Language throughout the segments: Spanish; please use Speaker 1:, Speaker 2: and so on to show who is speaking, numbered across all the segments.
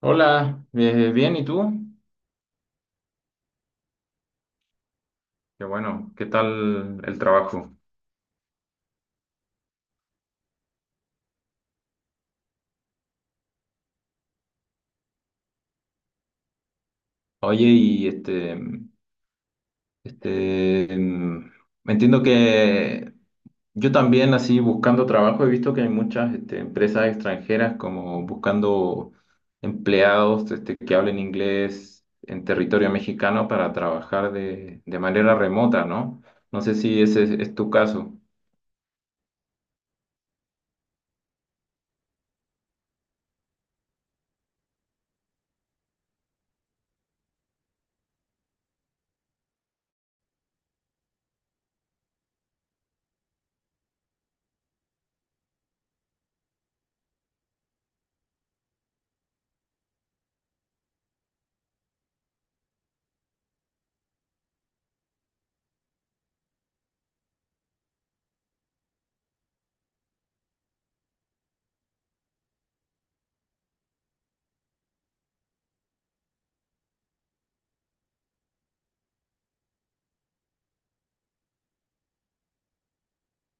Speaker 1: Hola, bien, ¿y tú? Qué bueno, ¿qué tal el trabajo? Oye, y este, mm, entiendo que yo también así buscando trabajo he visto que hay muchas empresas extranjeras como buscando empleados que hablen inglés en territorio mexicano para trabajar de manera remota, ¿no? No sé si ese es tu caso.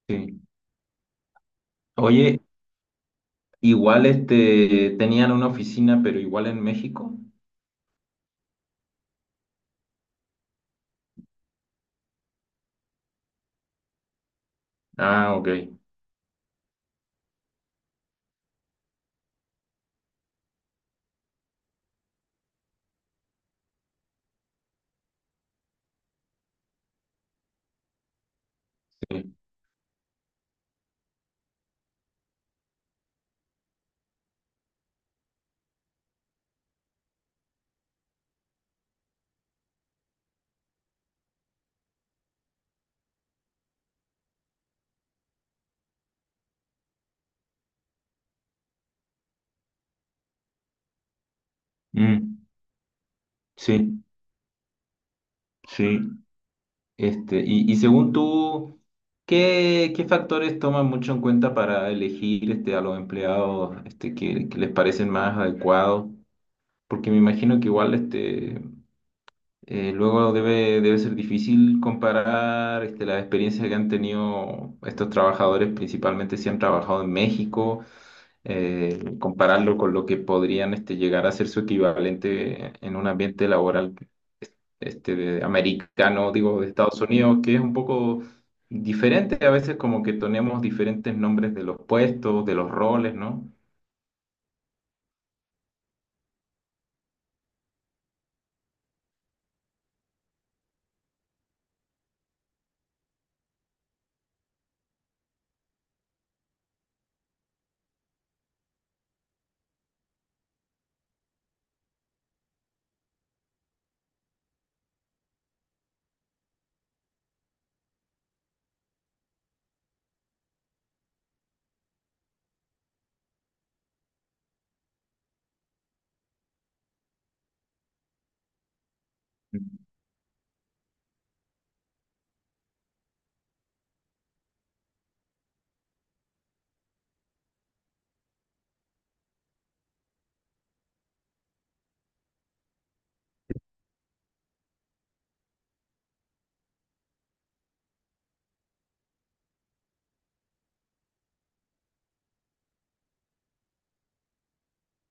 Speaker 1: Sí. Oye, igual tenían una oficina, pero igual en México. Ah, ok. Sí, mm, sí, sí. Y, y según tú, ¿qué factores toman mucho en cuenta para elegir a los empleados que les parecen más adecuados? Porque me imagino que igual luego debe ser difícil comparar las experiencias que han tenido estos trabajadores, principalmente si han trabajado en México, compararlo con lo que podrían llegar a ser su equivalente en un ambiente laboral americano, digo, de Estados Unidos, que es un poco diferente. A veces como que tenemos diferentes nombres de los puestos, de los roles, ¿no?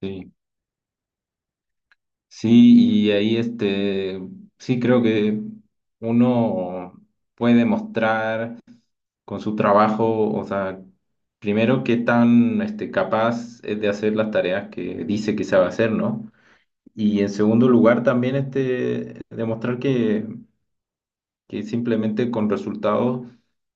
Speaker 1: Sí, sí, y ahí sí creo que uno puede mostrar con su trabajo, o sea, primero qué tan capaz es de hacer las tareas que dice que sabe hacer, ¿no? Y en segundo lugar también demostrar que simplemente con resultados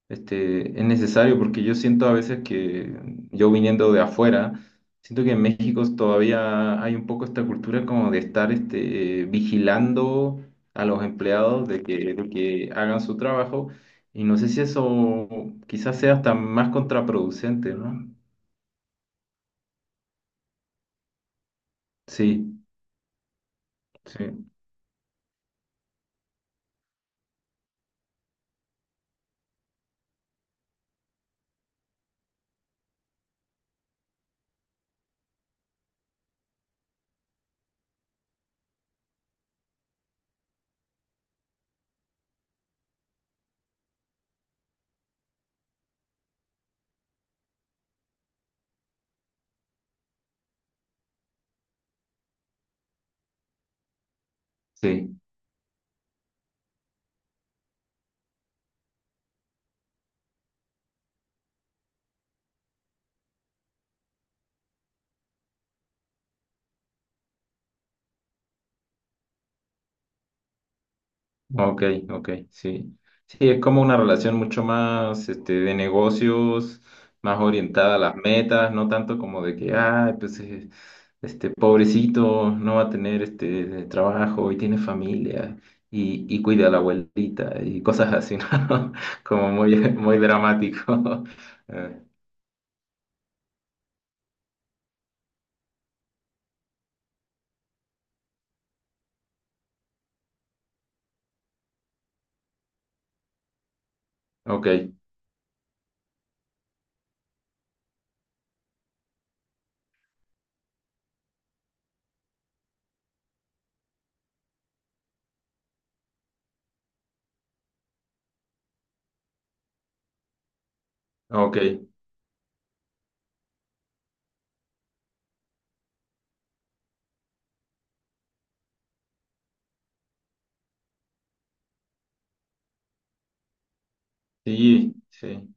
Speaker 1: es necesario, porque yo siento a veces que yo viniendo de afuera, siento que en México todavía hay un poco esta cultura como de estar vigilando a los empleados de que hagan su trabajo, y no sé si eso quizás sea hasta más contraproducente, ¿no? Sí, sí, sí. Ok, ok, sí. Sí, es como una relación mucho más de negocios, más orientada a las metas, no tanto como de que, ay, pues este pobrecito no va a tener este trabajo y tiene familia y cuida a la abuelita y cosas así, ¿no? Como muy, muy dramático. Eh, ok, ok, sí, sí.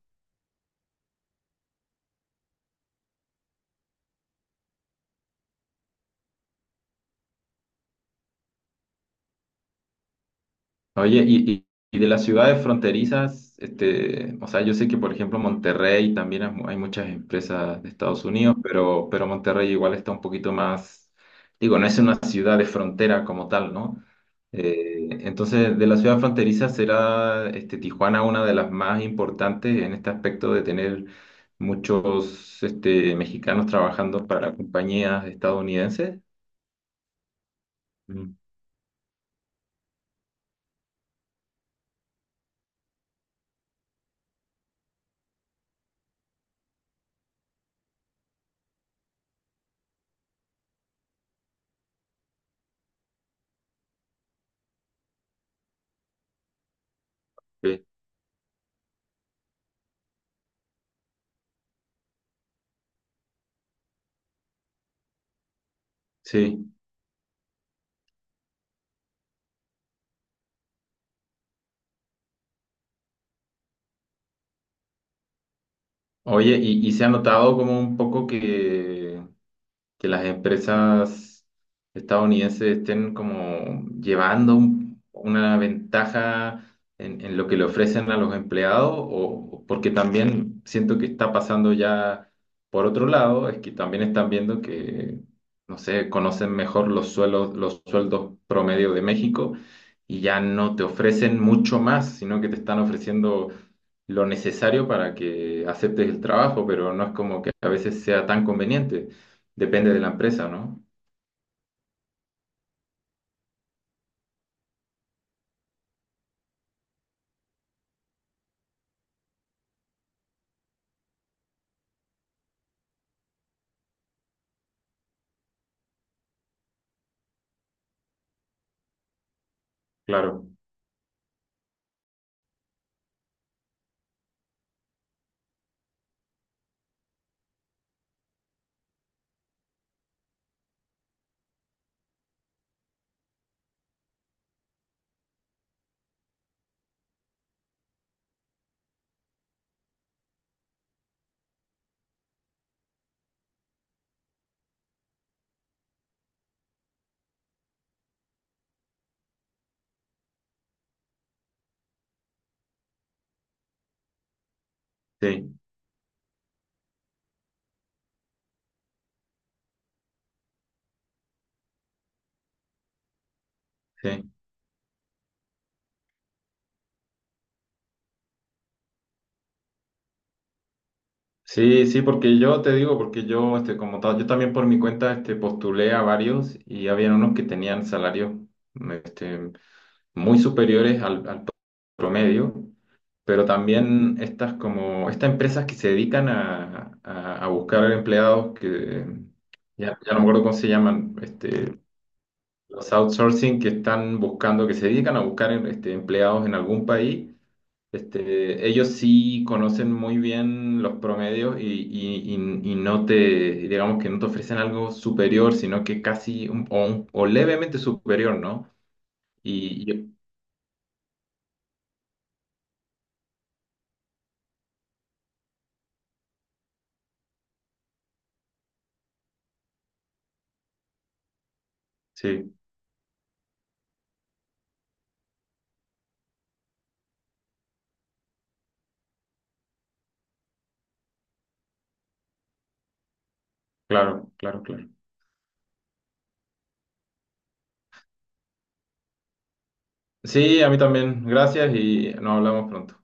Speaker 1: Oye, y de las ciudades fronterizas, o sea, yo sé que por ejemplo Monterrey también hay hay muchas empresas de Estados Unidos, pero Monterrey igual está un poquito más, digo, no es una ciudad de frontera como tal, ¿no? Entonces, de las ciudades fronterizas será Tijuana una de las más importantes en este aspecto de tener muchos mexicanos trabajando para compañías estadounidenses. Mm. Sí. Sí. Oye, y se ha notado como un poco que las empresas estadounidenses estén como llevando una ventaja en lo que le ofrecen a los empleados, o porque también siento que está pasando ya por otro lado, es que también están viendo que, no sé, conocen mejor los suelos, los sueldos promedio de México y ya no te ofrecen mucho más, sino que te están ofreciendo lo necesario para que aceptes el trabajo, pero no es como que a veces sea tan conveniente. Depende de la empresa, ¿no? Claro, sí, sí. Sí, sí, porque yo te digo, porque yo, como tal, yo también por mi cuenta, postulé a varios y había unos que tenían salarios, mm, este, muy superiores al promedio, pero también estas como, estas empresas que se dedican a buscar empleados que, ya no me acuerdo cómo se llaman, los outsourcing que están buscando, que se dedican a buscar, empleados en algún país. Ellos sí conocen muy bien los promedios y, y no te, digamos que no te ofrecen algo superior, sino que casi un- o levemente superior, ¿no? Y, y- sí, claro, claro, claro. Sí, a mí también. Gracias y nos hablamos pronto.